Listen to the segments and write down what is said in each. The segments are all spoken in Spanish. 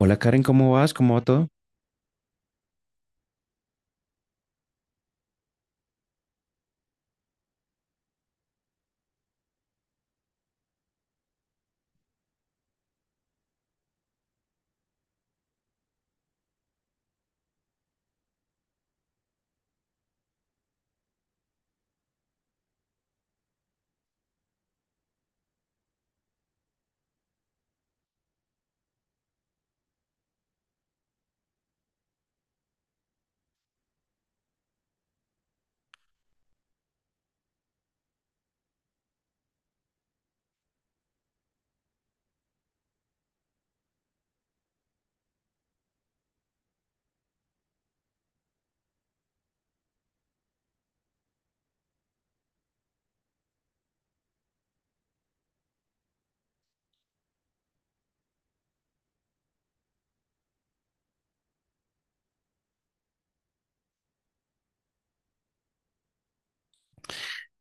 Hola Karen, ¿cómo vas? ¿Cómo va todo?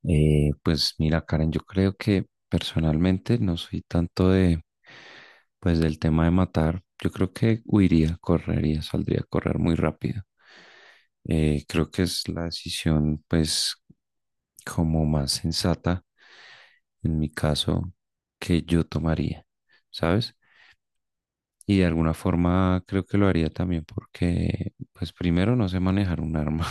Pues mira Karen, yo creo que personalmente no soy tanto pues del tema de matar. Yo creo que huiría, correría, saldría a correr muy rápido. Creo que es la decisión pues como más sensata en mi caso que yo tomaría, ¿sabes? Y de alguna forma creo que lo haría también porque, pues primero no sé manejar un arma.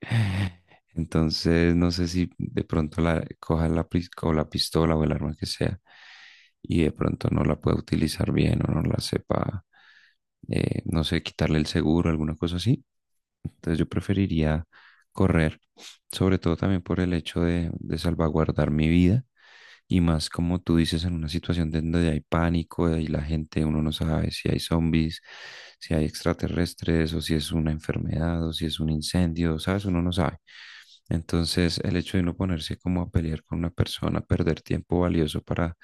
Entonces no sé si de pronto la coja la, pis- o la pistola o el arma que sea y de pronto no la pueda utilizar bien o no la sepa, no sé, quitarle el seguro, alguna cosa así. Entonces yo preferiría correr, sobre todo también por el hecho de salvaguardar mi vida y más como tú dices, en una situación donde hay pánico y la gente, uno no sabe si hay zombies, si hay extraterrestres o si es una enfermedad o si es un incendio, ¿sabes? Uno no sabe. Entonces, el hecho de uno ponerse como a pelear con una persona, perder tiempo valioso para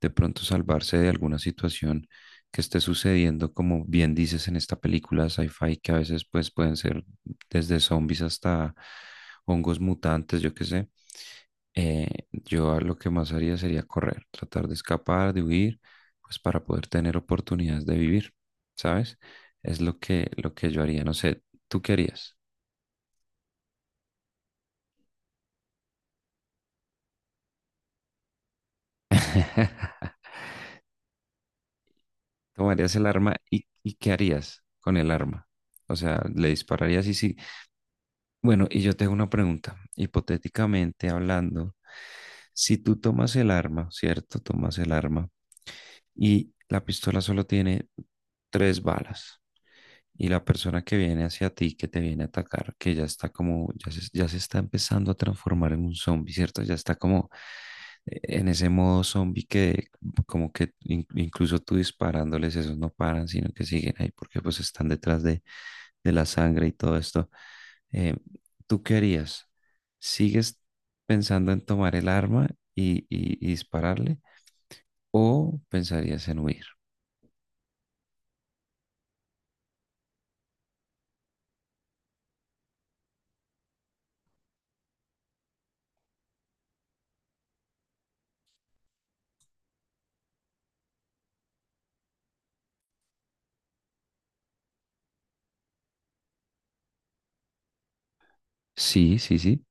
de pronto salvarse de alguna situación que esté sucediendo, como bien dices en esta película sci-fi, que a veces pues pueden ser desde zombies hasta hongos mutantes, yo qué sé. Yo lo que más haría sería correr, tratar de escapar, de huir, pues para poder tener oportunidades de vivir, ¿sabes? Es lo que yo haría. No sé, ¿tú qué harías? ¿Tomarías el arma y qué harías con el arma? O sea, le dispararías y sí. Bueno, y yo tengo una pregunta. Hipotéticamente hablando, si tú tomas el arma, ¿cierto? Tomas el arma y la pistola solo tiene tres balas. Y la persona que viene hacia ti, que te viene a atacar, que ya está como, ya se está empezando a transformar en un zombie, ¿cierto? Ya está como en ese modo zombie que como que incluso tú disparándoles, esos no paran, sino que siguen ahí porque pues están detrás de la sangre y todo esto. Eh, ¿Tú qué harías? ¿Sigues pensando en tomar el arma y dispararle o pensarías en huir? Sí, sí, sí,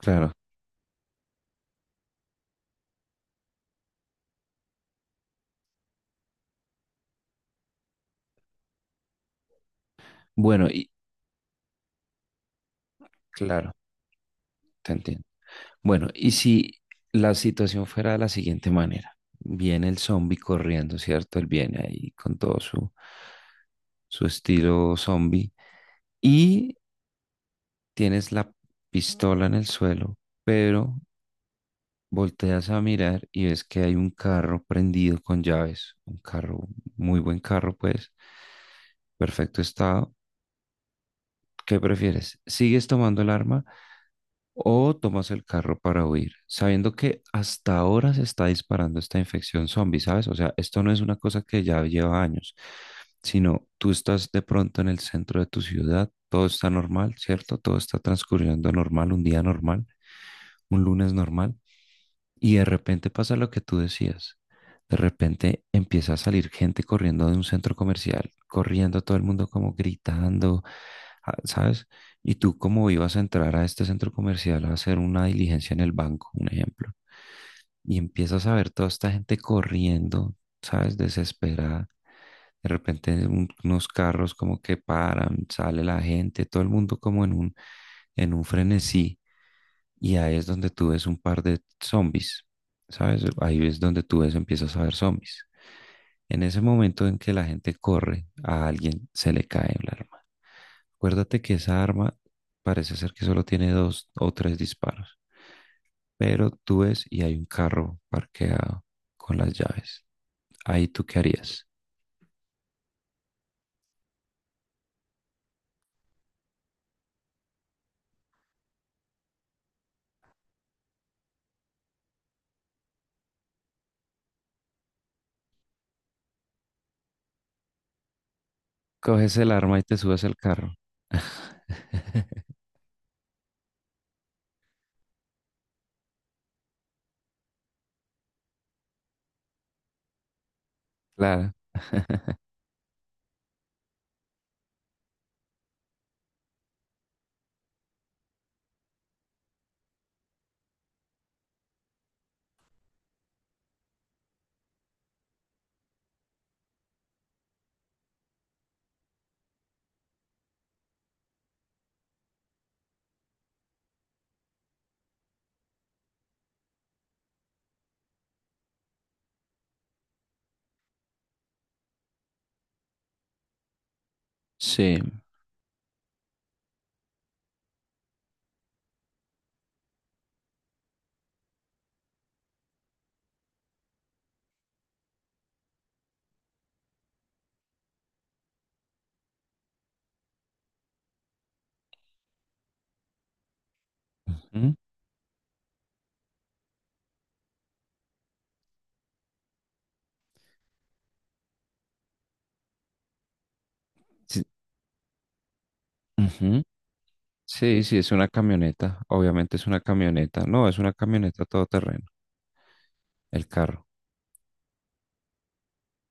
claro. Bueno, y claro, te entiendo. Bueno, y si la situación fuera de la siguiente manera, viene el zombie corriendo, ¿cierto? Él viene ahí con todo su, su estilo zombie y tienes la pistola en el suelo, pero volteas a mirar y ves que hay un carro prendido con llaves, un carro, muy buen carro, pues, perfecto estado. ¿Qué prefieres? ¿Sigues tomando el arma? ¿O tomas el carro para huir, sabiendo que hasta ahora se está disparando esta infección zombie, ¿sabes? O sea, esto no es una cosa que ya lleva años, sino tú estás de pronto en el centro de tu ciudad, todo está normal, ¿cierto? Todo está transcurriendo normal, un día normal, un lunes normal, y de repente pasa lo que tú decías. De repente empieza a salir gente corriendo de un centro comercial, corriendo todo el mundo como gritando, ah, ¿sabes? Y tú como ibas a entrar a este centro comercial a hacer una diligencia en el banco, un ejemplo, y empiezas a ver toda esta gente corriendo, ¿sabes? Desesperada. De repente unos carros como que paran, sale la gente, todo el mundo como en un frenesí y ahí es donde tú ves un par de zombies, ¿sabes? Ahí es donde tú ves, empiezas a ver zombies. En ese momento en que la gente corre, a alguien se le cae el arma. Acuérdate que esa arma parece ser que solo tiene dos o tres disparos, pero tú ves y hay un carro parqueado con las llaves. ¿Ahí tú qué harías? Coges el arma y te subes al carro. Claro, sí. Ujú, sí, ujú. Sí, sí, es una camioneta. Obviamente es una camioneta. No, es una camioneta todoterreno. El carro.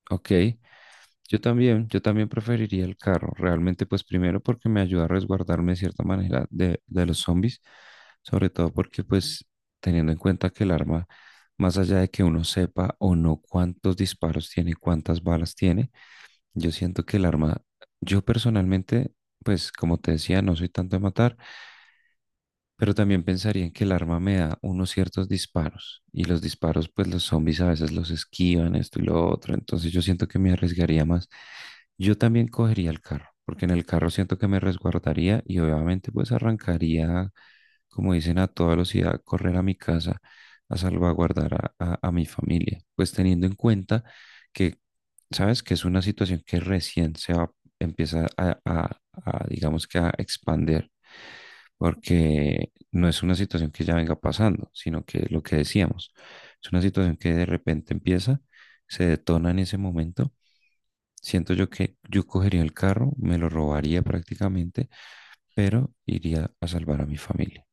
Ok. Yo también preferiría el carro. Realmente, pues primero porque me ayuda a resguardarme de cierta manera de los zombies. Sobre todo porque, pues, teniendo en cuenta que el arma, más allá de que uno sepa o no cuántos disparos tiene, cuántas balas tiene, yo siento que el arma, yo personalmente, pues, como te decía, no soy tanto de matar. Pero también pensaría en que el arma me da unos ciertos disparos y los disparos, pues los zombies a veces los esquivan, esto y lo otro. Entonces yo siento que me arriesgaría más. Yo también cogería el carro, porque en el carro siento que me resguardaría y obviamente pues arrancaría, como dicen, a toda velocidad, a correr a mi casa a salvaguardar a mi familia. Pues teniendo en cuenta que, sabes, que es una situación que recién empieza a digamos que a expander, porque no es una situación que ya venga pasando, sino que lo que decíamos, es una situación que de repente empieza, se detona en ese momento. Siento yo que yo cogería el carro, me lo robaría prácticamente, pero iría a salvar a mi familia.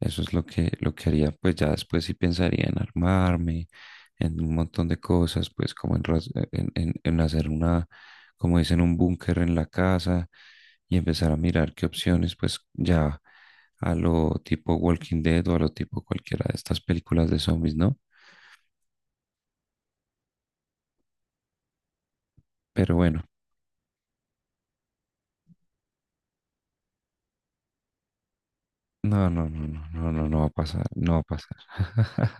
Eso es lo que haría, pues ya después sí pensaría en armarme, en un montón de cosas, pues como en, ras- en hacer una, como dicen, un búnker en la casa y empezar a mirar qué opciones, pues ya a lo tipo Walking Dead o a lo tipo cualquiera de estas películas de zombies, ¿no? Pero bueno, no, no, no, no, no, no, no va a pasar, no va a pasar.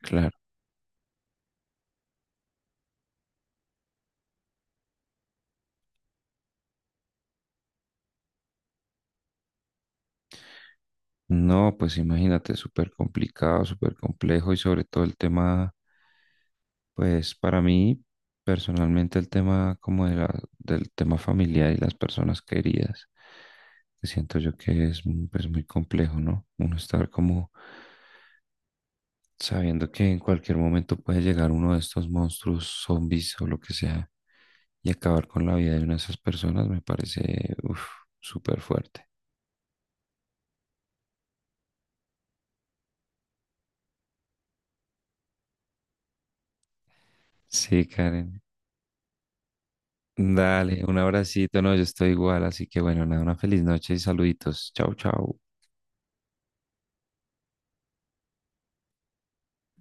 Claro. No, pues imagínate, súper complicado, súper complejo y sobre todo el tema. Pues para mí, personalmente, el tema como de del tema familiar y las personas queridas, que siento yo que es mm, pues, muy complejo, ¿no? Uno estar como sabiendo que en cualquier momento puede llegar uno de estos monstruos, zombies o lo que sea, y acabar con la vida de una de esas personas me parece, uf, súper fuerte. Sí, Karen. Dale, un abracito, no, yo estoy igual, así que bueno, nada, una feliz noche y saluditos. Chau, chau.